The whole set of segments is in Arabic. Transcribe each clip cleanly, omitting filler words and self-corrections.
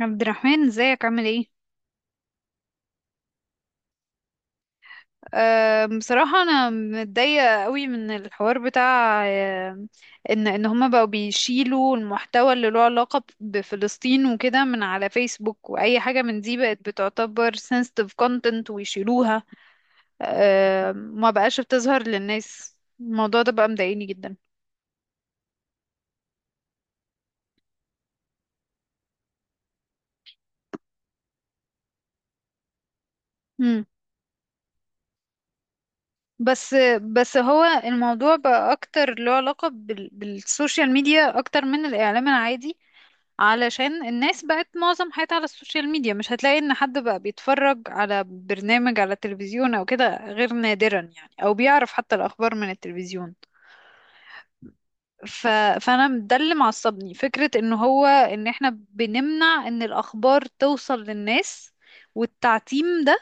عبد الرحمن، ازيك؟ عامل ايه؟ بصراحة انا متضايقة قوي من الحوار بتاع ان هما بقوا بيشيلوا المحتوى اللي له علاقة بفلسطين وكده من على فيسبوك، واي حاجة من دي بقت بتعتبر sensitive content ويشيلوها. ما بقاش بتظهر للناس. الموضوع ده بقى مضايقني جدا. مم. بس بس هو الموضوع بقى اكتر له علاقة بالسوشيال ميديا اكتر من الاعلام العادي، علشان الناس بقت معظم حياتها على السوشيال ميديا. مش هتلاقي ان حد بقى بيتفرج على برنامج على التلفزيون او كده غير نادرا، يعني، او بيعرف حتى الاخبار من التلفزيون. ف... فانا ده اللي معصبني، فكرة ان هو ان احنا بنمنع ان الاخبار توصل للناس والتعتيم ده،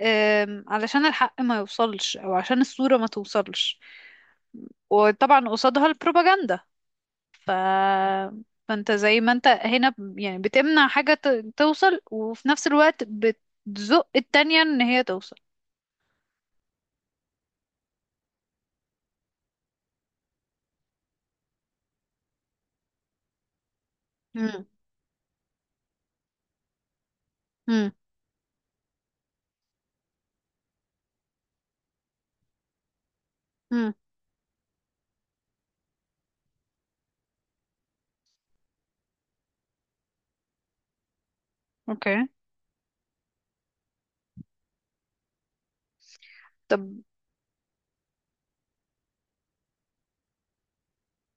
علشان الحق ما يوصلش او عشان الصورة ما توصلش، وطبعا قصادها البروباجندا. ف... فانت زي ما انت هنا يعني بتمنع حاجة توصل، وفي نفس الوقت بتزق التانية ان هي توصل. مم. مم. مم. اوكي. طب.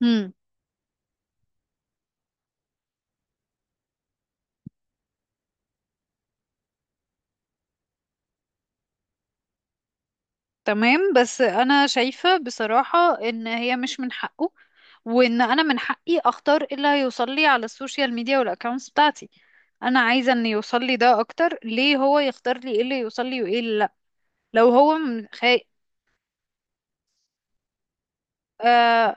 مم. تمام. بس انا شايفة بصراحة ان هي مش من حقه، وان انا من حقي اختار ايه اللي هيوصل لي على السوشيال ميديا والاكونتس بتاعتي. انا عايزة ان يوصل لي ده اكتر. ليه هو يختار لي ايه اللي يوصل لي وايه اللي لا؟ لو هو من- خايف.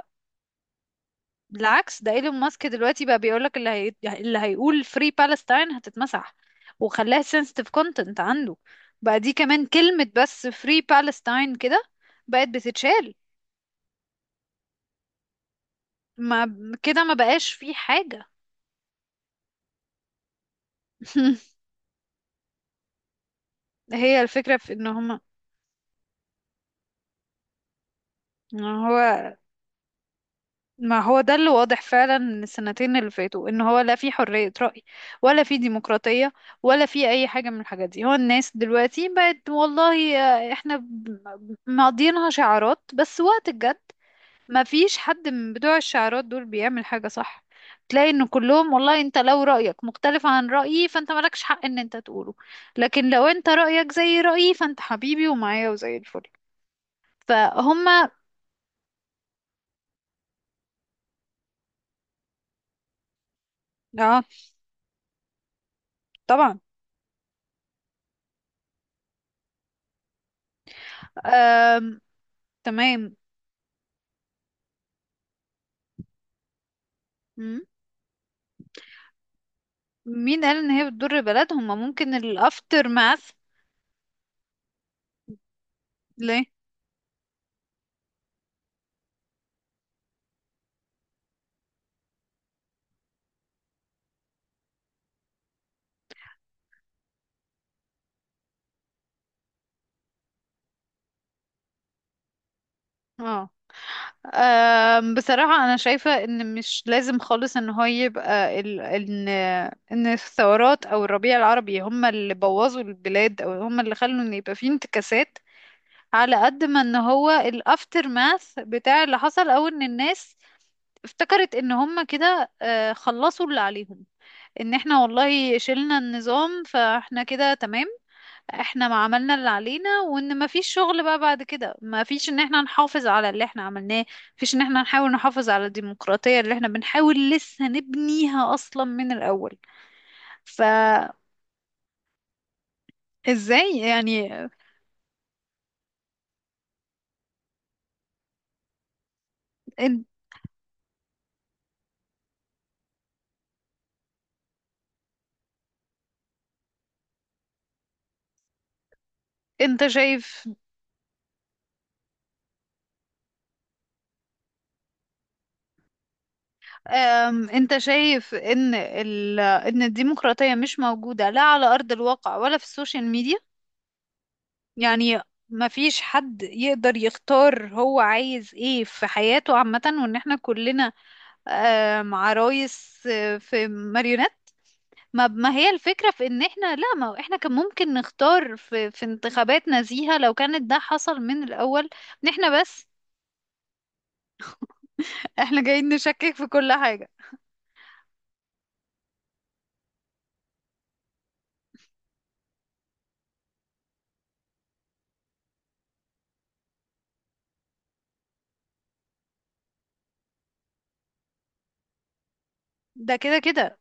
بالعكس، ده ايلون ماسك دلوقتي بقى بيقولك اللي هيقول فري بالستاين هتتمسح وخلاها sensitive content عنده. بقى دي كمان كلمة بس، فري بالستاين كده، بقت بتتشال. ما كده ما بقاش في حاجة. هي الفكرة في ان هما إن هو. ما هو ده اللي واضح فعلا من السنتين اللي فاتوا، ان هو لا في حرية رأي ولا في ديمقراطية ولا في اي حاجة من الحاجات دي. هو الناس دلوقتي بقت والله احنا مقضيينها شعارات بس. وقت الجد ما فيش حد من بتوع الشعارات دول بيعمل حاجة صح. تلاقي ان كلهم والله، انت لو رأيك مختلف عن رأيي فانت مالكش حق ان انت تقوله، لكن لو انت رأيك زي رأيي فانت حبيبي ومعايا وزي الفل. فهم. اه. طبعا. آم... تمام. مين قال ان هي بتضر بلدهم؟ ما ممكن الافتر ماث. ليه؟ اه. بصراحة أنا شايفة إن مش لازم خالص إن هو يبقى إن إن الثورات أو الربيع العربي هم اللي بوظوا البلاد أو هم اللي خلوا إن يبقى فيه انتكاسات. على قد ما إن هو الأفتر ماث بتاع اللي حصل، أو إن الناس افتكرت ان هم كده خلصوا اللي عليهم. ان احنا والله شلنا النظام فاحنا كده تمام، احنا ما عملنا اللي علينا، وان ما فيش شغل بقى بعد كده، ما فيش ان احنا نحافظ على اللي احنا عملناه، فيش ان احنا نحاول نحافظ على الديمقراطية اللي احنا بنحاول لسه نبنيها اصلا من الاول. فازاي؟ يعني. ان- انت شايف. انت شايف ان ان الديمقراطية مش موجودة لا على ارض الواقع ولا في السوشيال ميديا. يعني ما فيش حد يقدر يختار هو عايز ايه في حياته عامة، وان احنا كلنا مع رايس في ماريونات. ما هي الفكرة في ان احنا لا، ما احنا كان ممكن نختار في انتخابات نزيهة لو كانت ده حصل من الاول. ان احنا بس، احنا جايين نشكك في كل حاجة. ده كده كده.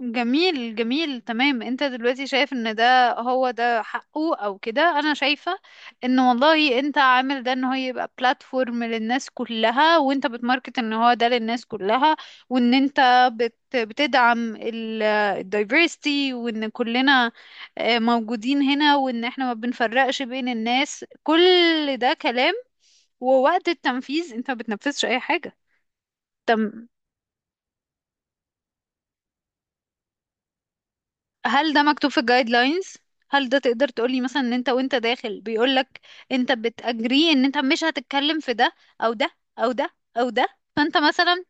جميل، جميل، تمام. انت دلوقتي شايف ان ده، هو ده حقه او كده. انا شايفة ان والله انت عامل ده ان هو يبقى بلاتفورم للناس كلها، وانت بتماركت ان هو ده للناس كلها، وان انت بتدعم الدايفرستي، وان كلنا موجودين هنا، وان احنا ما بنفرقش بين الناس. كل ده كلام. ووقت التنفيذ انت ما بتنفذش اي حاجة. هل ده مكتوب في الجايد لاينز؟ هل ده تقدر تقولي مثلا ان انت وانت داخل بيقولك انت بتأجري ان انت مش هتتكلم في ده او ده او ده او ده؟ فانت مثلا.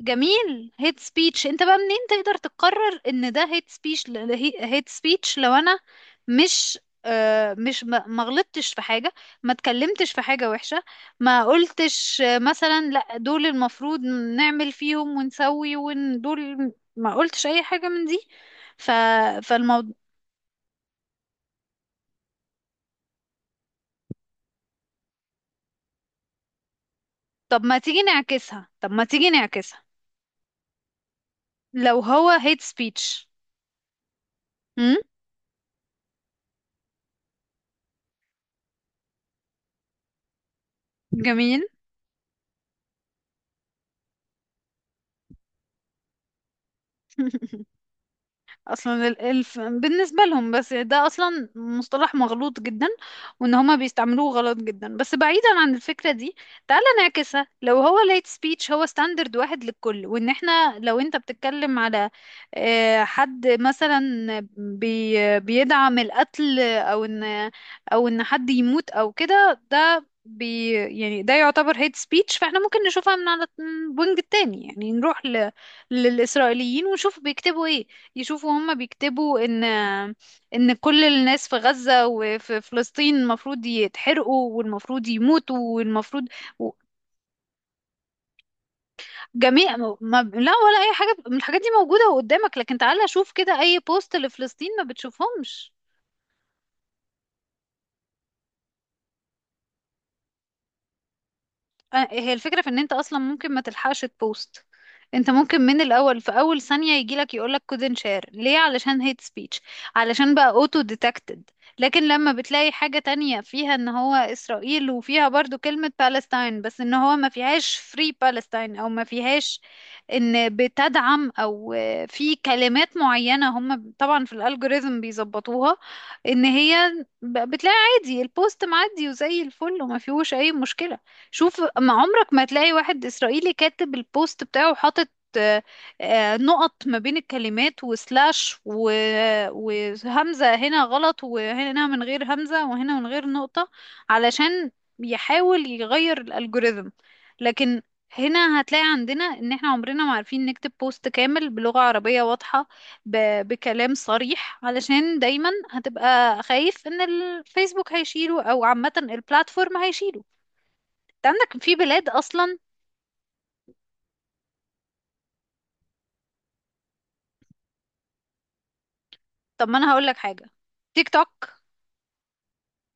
جميل، هيت سبيتش. انت بقى منين تقدر تقرر ان ده هيت سبيتش؟ هيت سبيتش لو انا مش مش ما غلطتش في حاجة، ما اتكلمتش في حاجة وحشة، ما قلتش مثلا لا دول المفروض نعمل فيهم ونسوي ودول، ما قلتش اي حاجة من دي. ف فالموضوع. طب ما تيجي نعكسها، طب ما تيجي نعكسها لو هو هيت سبيتش. امم. جميل. اصلا الالف بالنسبه لهم. بس ده اصلا مصطلح مغلوط جدا وان هما بيستعملوه غلط جدا. بس بعيدا عن الفكره دي، تعالى نعكسها. لو هو late speech هو ستاندرد واحد للكل، وان احنا لو انت بتتكلم على حد مثلا بيدعم القتل او ان او ان حد يموت او كده، ده بي يعني ده يعتبر hate speech. فاحنا ممكن نشوفها من على الوينج التاني، يعني نروح للإسرائيليين ونشوف بيكتبوا ايه. يشوفوا هم بيكتبوا ان ان كل الناس في غزة وفي فلسطين المفروض يتحرقوا والمفروض يموتوا والمفروض. و- جميع ما لا، ولا اي حاجة من الحاجات دي موجودة قدامك. لكن تعالى شوف كده اي بوست لفلسطين ما بتشوفهمش. هي الفكرة في ان انت اصلا ممكن ما تلحقش تبوست. انت ممكن من الاول في اول ثانية يجيلك يقولك couldn't share، ليه؟ علشان hate speech، علشان بقى auto detected. لكن لما بتلاقي حاجة تانية فيها ان هو اسرائيل وفيها برضو كلمة Palestine، بس ان هو ما فيهاش free Palestine او ما فيهاش ان بتدعم، او في كلمات معينة هم طبعا في الالجوريزم بيظبطوها، ان هي بتلاقي عادي البوست معدي وزي الفل وما فيهوش اي مشكلة. شوف، ما عمرك ما هتلاقي واحد إسرائيلي كاتب البوست بتاعه وحاطط آه، نقط ما بين الكلمات وسلاش وهمزة هنا غلط وهنا من غير همزة وهنا من غير نقطة، علشان يحاول يغير الألجوريثم. لكن هنا هتلاقي عندنا ان احنا عمرنا ما عارفين نكتب بوست كامل بلغة عربية واضحة بكلام صريح، علشان دايما هتبقى خايف ان الفيسبوك هيشيله او عامة البلاتفورم هيشيله. انت عندك في بلاد اصلا. طب ما انا هقول لك حاجه. تيك توك.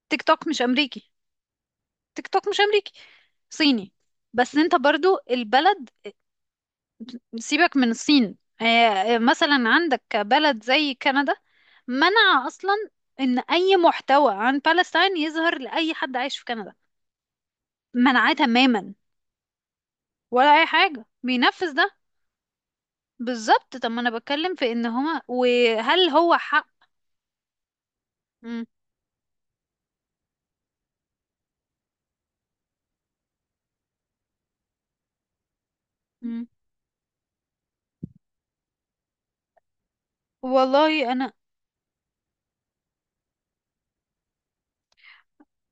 تيك توك مش امريكي. تيك توك مش امريكي. صيني. بس انت برضو البلد. سيبك من الصين. مثلا عندك بلد زي كندا، منع اصلا ان اي محتوى عن بالستاين يظهر لاي حد عايش في كندا، منعاه تماما. ولا اي حاجه بينفذ ده. بالظبط. طب ما انا بتكلم في ان هما، وهل هو حق؟ مم. مم. والله انا.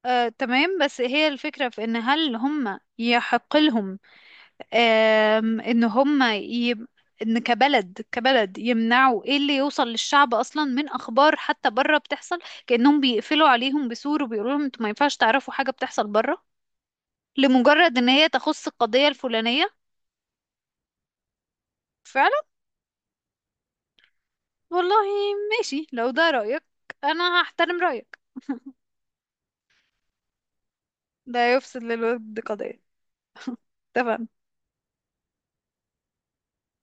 تمام. بس هي الفكرة في ان هل هم يحق لهم ان ان كبلد، كبلد يمنعوا ايه اللي يوصل للشعب اصلا من اخبار حتى بره بتحصل. كأنهم بيقفلوا عليهم بسور وبيقولوا لهم انتوا ما ينفعش تعرفوا حاجة بتحصل بره، لمجرد ان هي تخص القضية الفلانية. فعلا. والله. ماشي، لو ده رأيك انا هحترم رأيك. ده يفسد للود قضية. اتفقنا.